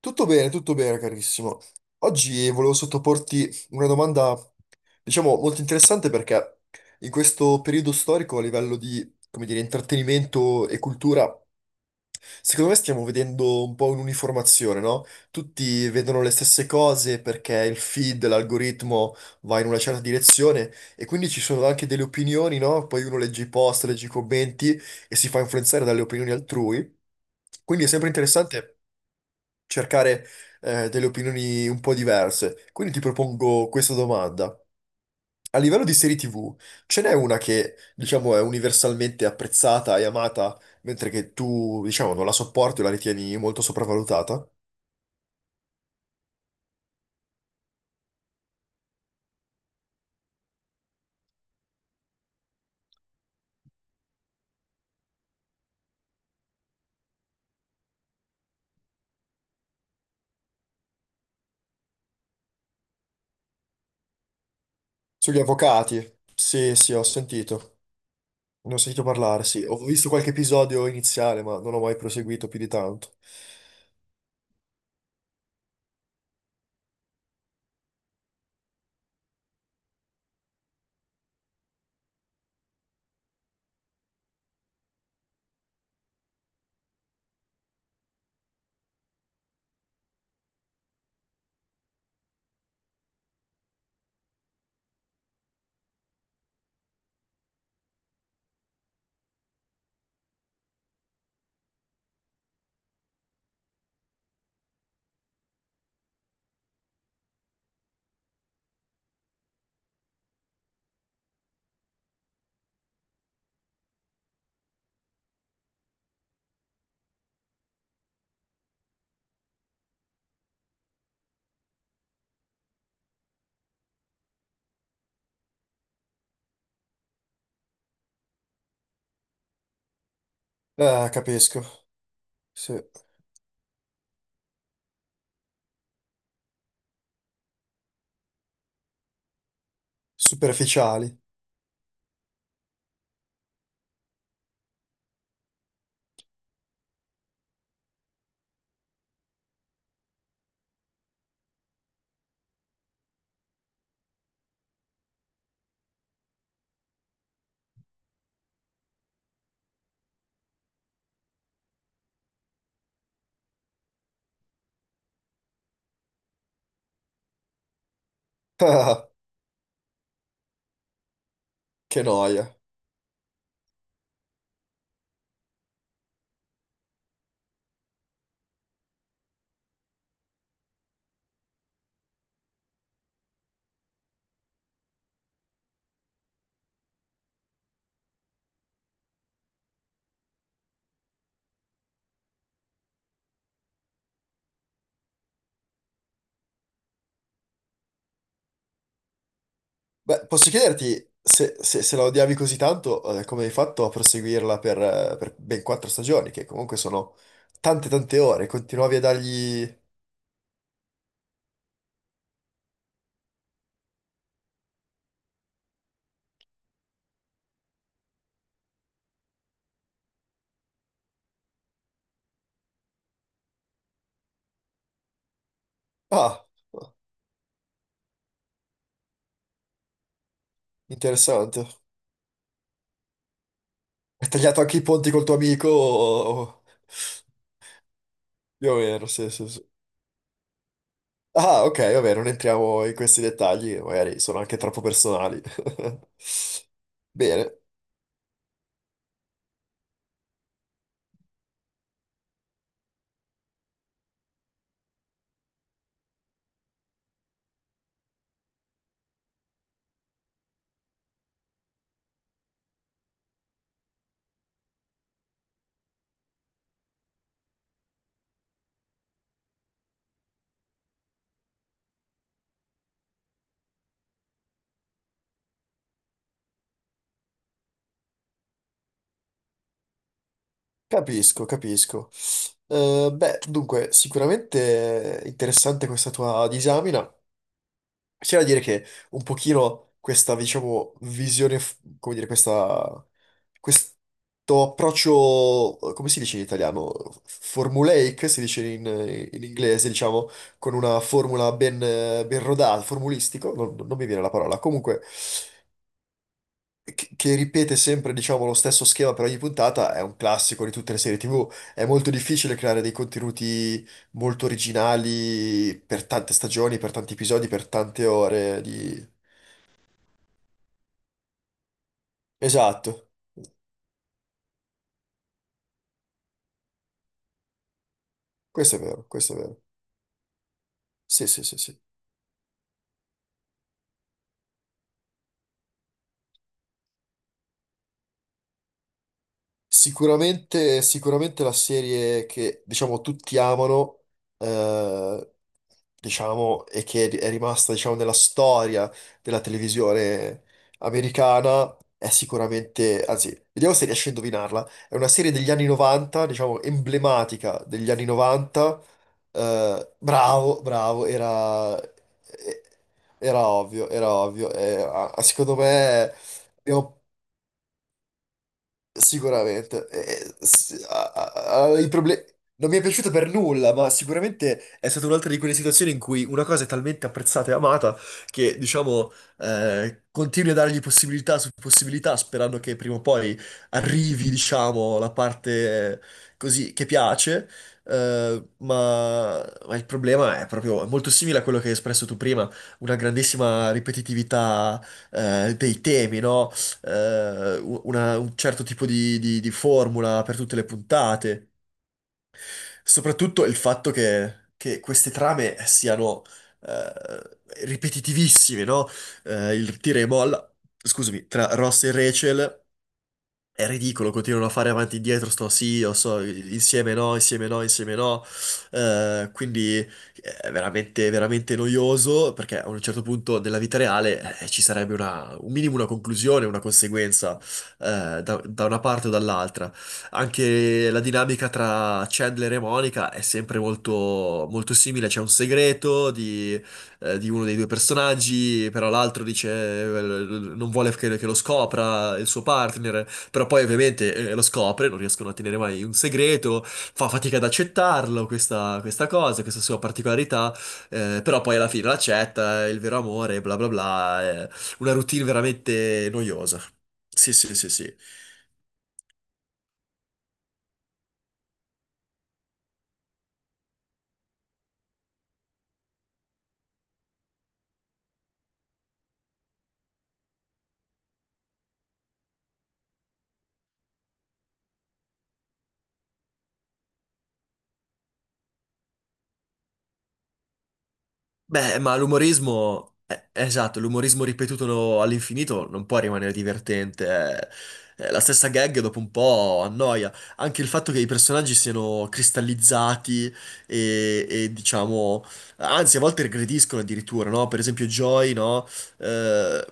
Tutto bene, carissimo. Oggi volevo sottoporti una domanda, diciamo, molto interessante perché in questo periodo storico a livello di, come dire, intrattenimento e cultura, secondo me stiamo vedendo un po' un'uniformazione, no? Tutti vedono le stesse cose perché il feed, l'algoritmo va in una certa direzione e quindi ci sono anche delle opinioni, no? Poi uno legge i post, legge i commenti e si fa influenzare dalle opinioni altrui. Quindi è sempre interessante cercare delle opinioni un po' diverse. Quindi ti propongo questa domanda. A livello di serie TV, ce n'è una che, diciamo, è universalmente apprezzata e amata, mentre che tu, diciamo, non la sopporti o la ritieni molto sopravvalutata? Sugli avvocati? Sì, sì, ho sentito. Ne ho sentito parlare, sì. Ho visto qualche episodio iniziale, ma non ho mai proseguito più di tanto. Ah, capisco. Sì. Superficiali. Ah, che noia. Beh, posso chiederti se la odiavi così tanto, come hai fatto a proseguirla per ben quattro stagioni, che comunque sono tante tante ore, continuavi a dargli... Ah, interessante. Hai tagliato anche i ponti col tuo amico, più o meno, sì, sì, sì. Ah, ok, vabbè, non entriamo in questi dettagli, magari sono anche troppo personali. Bene, capisco, capisco. Beh, dunque, sicuramente interessante questa tua disamina. C'è da dire che un pochino questa, diciamo, visione, come dire, questo approccio, come si dice in italiano? Formulaic, si dice in inglese, diciamo, con una formula ben rodata, formulistico, non mi viene la parola. Comunque, che ripete sempre, diciamo, lo stesso schema per ogni puntata, è un classico di tutte le serie TV. È molto difficile creare dei contenuti molto originali per tante stagioni, per tanti episodi, per tante ore di... Esatto, questo è vero, questo è vero. Sì, sì, sì, sì. Sicuramente, sicuramente la serie che diciamo tutti amano, eh, diciamo, e che è rimasta diciamo, nella storia della televisione americana, è sicuramente, anzi, vediamo se riesci a indovinarla. È una serie degli anni 90, diciamo, emblematica degli anni 90. Bravo, bravo, era, era ovvio, era ovvio. Ah, secondo me abbiamo. Sicuramente. Eh, s- a- a- a- i proble- Non mi è piaciuta per nulla, ma sicuramente è stata un'altra di quelle situazioni in cui una cosa è talmente apprezzata e amata che, diciamo, continui a dargli possibilità su possibilità, sperando che prima o poi arrivi, diciamo, la parte così che piace. Ma il problema è proprio è molto simile a quello che hai espresso tu prima, una grandissima ripetitività, dei temi, no? Un certo tipo di, di formula per tutte le puntate. Soprattutto il fatto che queste trame siano eh, ripetitivissime, no? Il tira e molla, scusami, tra Ross e Rachel. È ridicolo, continuano a fare avanti e indietro, sto sì, io so, insieme no, insieme no, insieme no. Quindi è veramente, veramente noioso perché a un certo punto della vita reale ci sarebbe un minimo una conclusione, una conseguenza da una parte o dall'altra. Anche la dinamica tra Chandler e Monica è sempre molto, molto simile, c'è un segreto di uno dei due personaggi, però l'altro dice non vuole che lo scopra il suo partner, però poi ovviamente lo scopre, non riescono a tenere mai un segreto, fa fatica ad accettarlo, questa cosa, questa sua particolarità, però poi alla fine l'accetta, è il vero amore, bla bla bla, è una routine veramente noiosa. Sì, sì, sì, sì. Beh, ma l'umorismo, esatto, l'umorismo ripetuto all'infinito non può rimanere divertente. La stessa gag dopo un po' annoia. Anche il fatto che i personaggi siano cristallizzati e, diciamo, anzi, a volte regrediscono addirittura, no? Per esempio, Joy, no? Eh,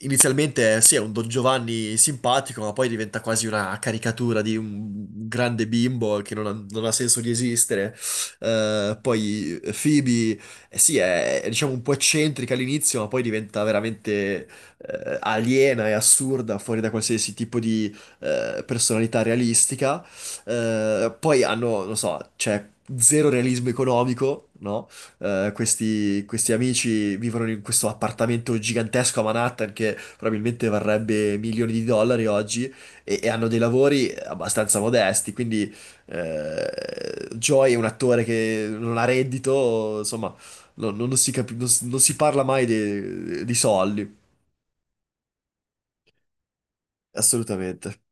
Inizialmente sì, è un Don Giovanni simpatico, ma poi diventa quasi una caricatura di un grande bimbo che non ha senso di esistere. Poi Phoebe eh sì, è, diciamo un po' eccentrica all'inizio, ma poi diventa veramente aliena e assurda, fuori da qualsiasi tipo di personalità realistica. Poi hanno, non so, c'è zero realismo economico, no? Questi amici vivono in questo appartamento gigantesco a Manhattan che probabilmente varrebbe milioni di dollari oggi e hanno dei lavori abbastanza modesti, quindi eh, Joy è un attore che non ha reddito, insomma. No, non, non si capi- non, si non si parla mai di soldi, assolutamente.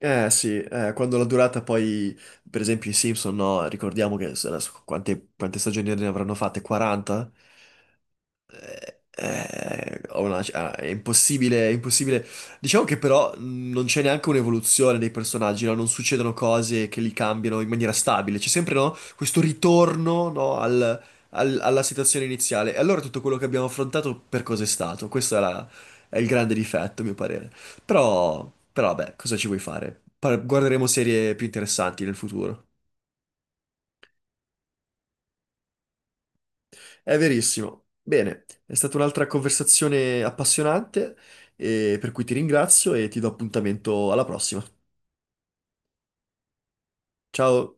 Eh sì, quando la durata poi, per esempio i Simpson, no, ricordiamo che adesso quante stagioni ne avranno fatte? 40? È impossibile, è impossibile. Diciamo che però non c'è neanche un'evoluzione dei personaggi, no? Non succedono cose che li cambiano in maniera stabile. C'è sempre, no? Questo ritorno, no? Alla situazione iniziale. E allora tutto quello che abbiamo affrontato per cosa è stato? È il grande difetto, a mio parere. Però, vabbè, cosa ci vuoi fare? Guarderemo serie più interessanti nel futuro. È verissimo. Bene, è stata un'altra conversazione appassionante, per cui ti ringrazio e ti do appuntamento alla prossima. Ciao!